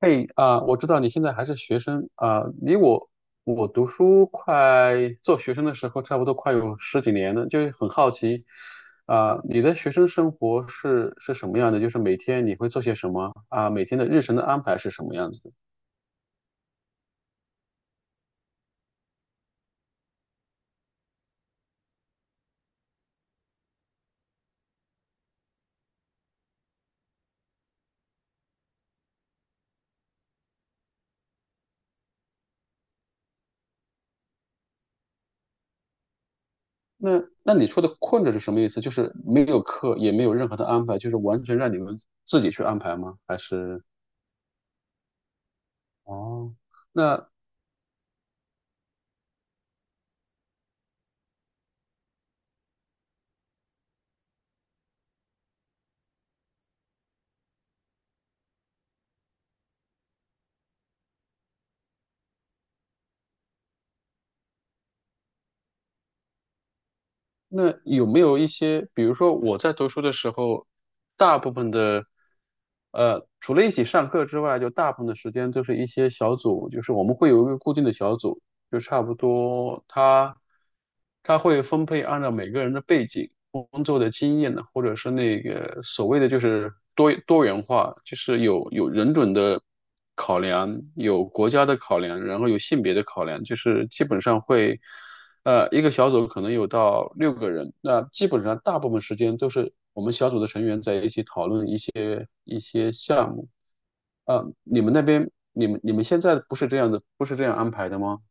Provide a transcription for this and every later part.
嘿，我知道你现在还是学生，离我读书快做学生的时候，差不多快有十几年了，很好奇，你的学生生活是什么样的？就是每天你会做些什么，每天的日程的安排是什么样子的。那你说的困着是什么意思？就是没有课，也没有任何的安排，就是完全让你们自己去安排吗？还是哦，那那有没有一些，比如说我在读书的时候，大部分的，除了一起上课之外，就大部分的时间都是一些小组，就是我们会有一个固定的小组，就差不多他会分配按照每个人的背景、工作的经验呢，或者是那个所谓的就是多元化，就是有人种的考量，有国家的考量，然后有性别的考量，就是基本上会。一个小组可能有到六个人，那基本上大部分时间都是我们小组的成员在一起讨论一些项目。你们那边，你们现在不是这样的，不是这样安排的吗？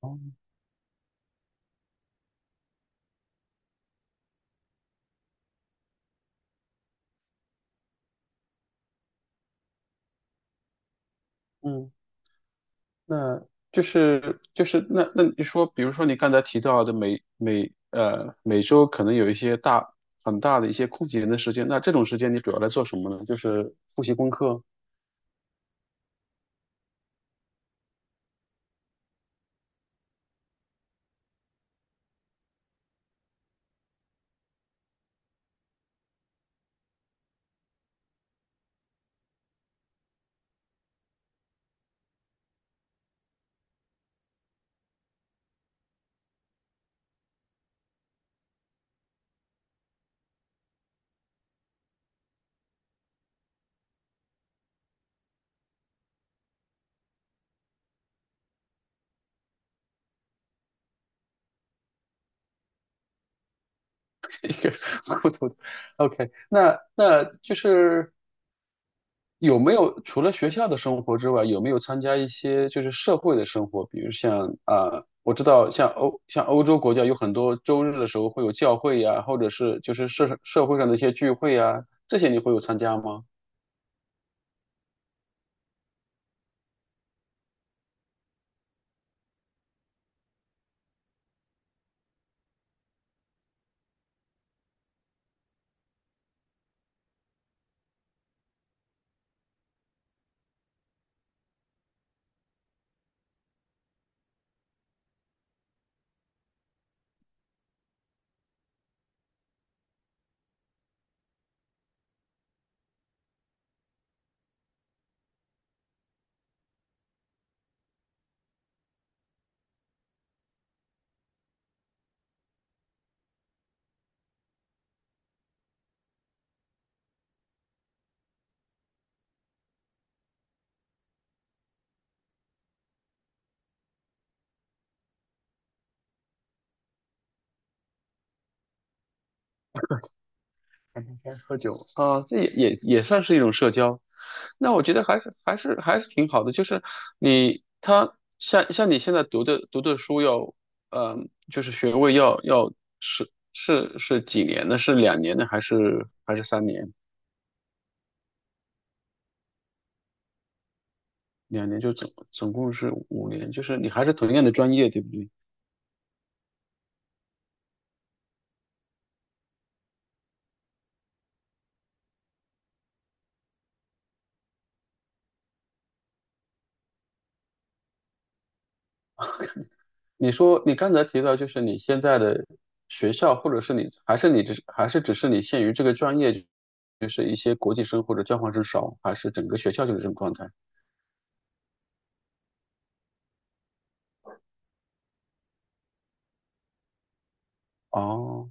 哦，嗯，那就是就是那那你说，比如说你刚才提到的每周可能有一些很大的一些空闲的时间，那这种时间你主要来做什么呢？就是复习功课，一个糊涂的。OK，那就是。有没有除了学校的生活之外，有没有参加一些就是社会的生活？比如像我知道像欧洲国家有很多周日的时候会有教会，或者是就是社会上的一些聚会，这些你会有参加吗？天天喝酒啊，这也算是一种社交。那我觉得还是挺好的，就是你他像你现在读的书要，就是学位要是几年呢？是两年呢，还是三年？两年就总共是五年，就是你还是同样的专业，对不对？你说你刚才提到，就是你现在的学校，或者是你还是你只是还是只是你限于这个专业，就是一些国际生或者交换生少，还是整个学校就是这种状态？哦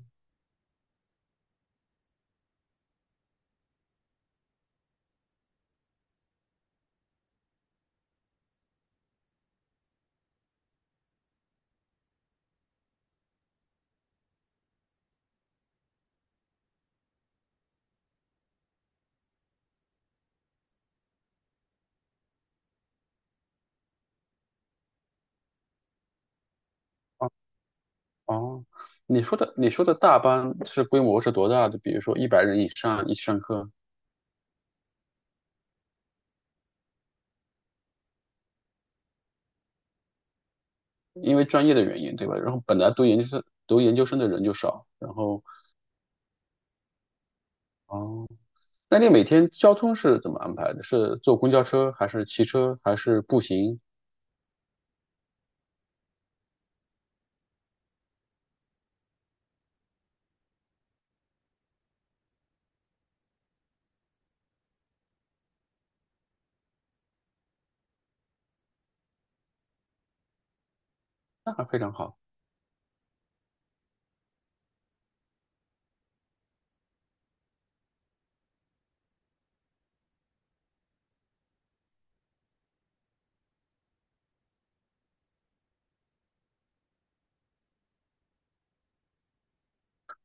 哦哦，你说的大班是规模是多大的？比如说一百人以上一起上课。因为专业的原因，对吧？然后本来读研究生的人就少，然后哦，那你每天交通是怎么安排的？是坐公交车还是骑车还是步行？那还非常好。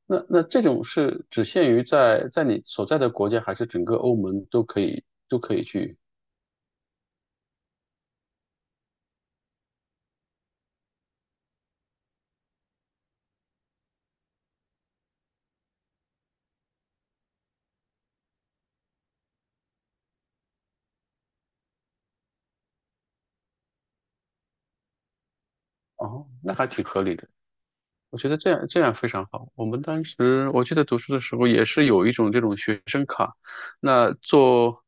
那这种是只限于在你所在的国家，还是整个欧盟都可以去？哦，那还挺合理的。我觉得这样非常好。我们当时我记得读书的时候也是有一种这种学生卡，那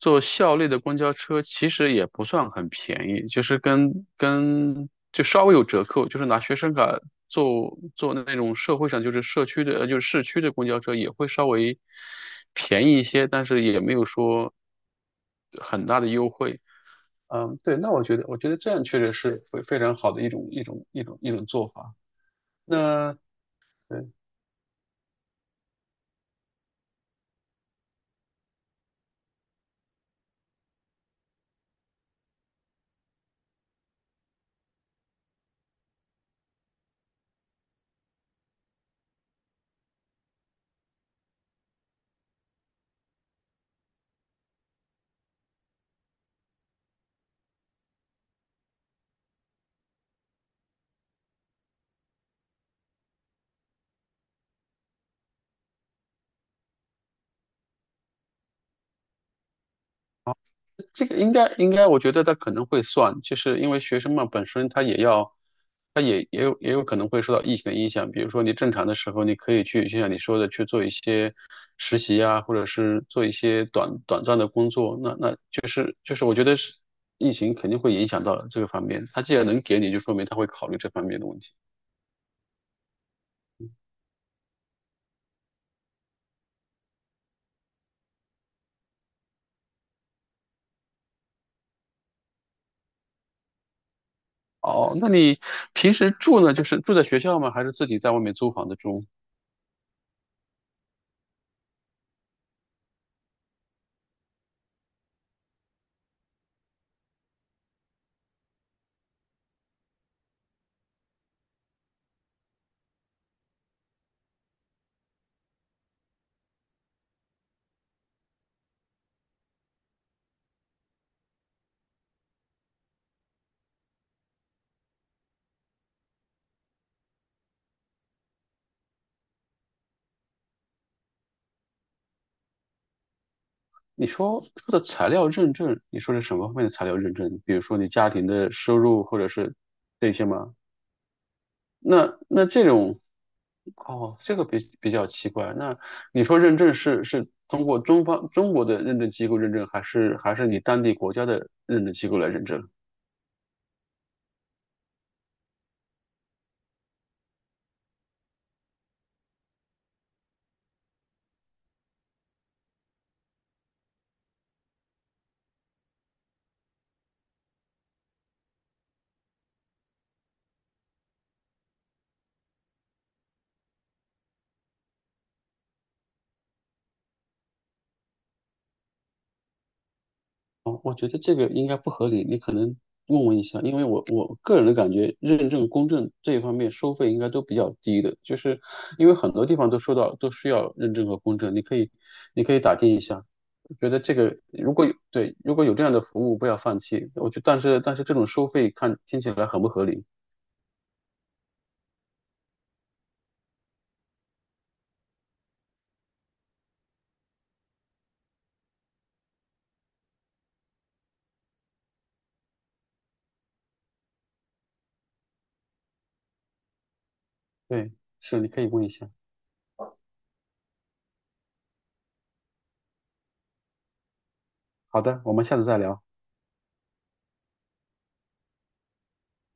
坐校内的公交车其实也不算很便宜，就是跟就稍微有折扣，就是拿学生卡坐那种社会上就是社区的就是市区的公交车也会稍微便宜一些，但是也没有说很大的优惠。嗯，对，那我觉得这样确实是非常好的一种做法。那嗯，这个应该，我觉得他可能会算，就是因为学生嘛，本身他也要，他也有可能会受到疫情的影响。比如说你正常的时候，你可以去，就像你说的，去做一些实习啊，或者是做一些短暂的工作。那那就是就是，我觉得是疫情肯定会影响到这个方面。他既然能给你，就说明他会考虑这方面的问题。哦，那你平时住呢，就是住在学校吗？还是自己在外面租房子住？你说的材料认证，你说是什么方面的材料认证？比如说你家庭的收入或者是这些吗？那这种，哦，这个比较奇怪。那你说认证是通过中方中国的认证机构认证，还是你当地国家的认证机构来认证？哦，我觉得这个应该不合理，你可能问一下，因为我个人的感觉，认证、公证这一方面收费应该都比较低的，就是因为很多地方都说到都需要认证和公证，你可以打听一下，我觉得这个如果有这样的服务，不要放弃。但是这种收费看听起来很不合理。对，是你可以问一下。好的，我们下次再聊。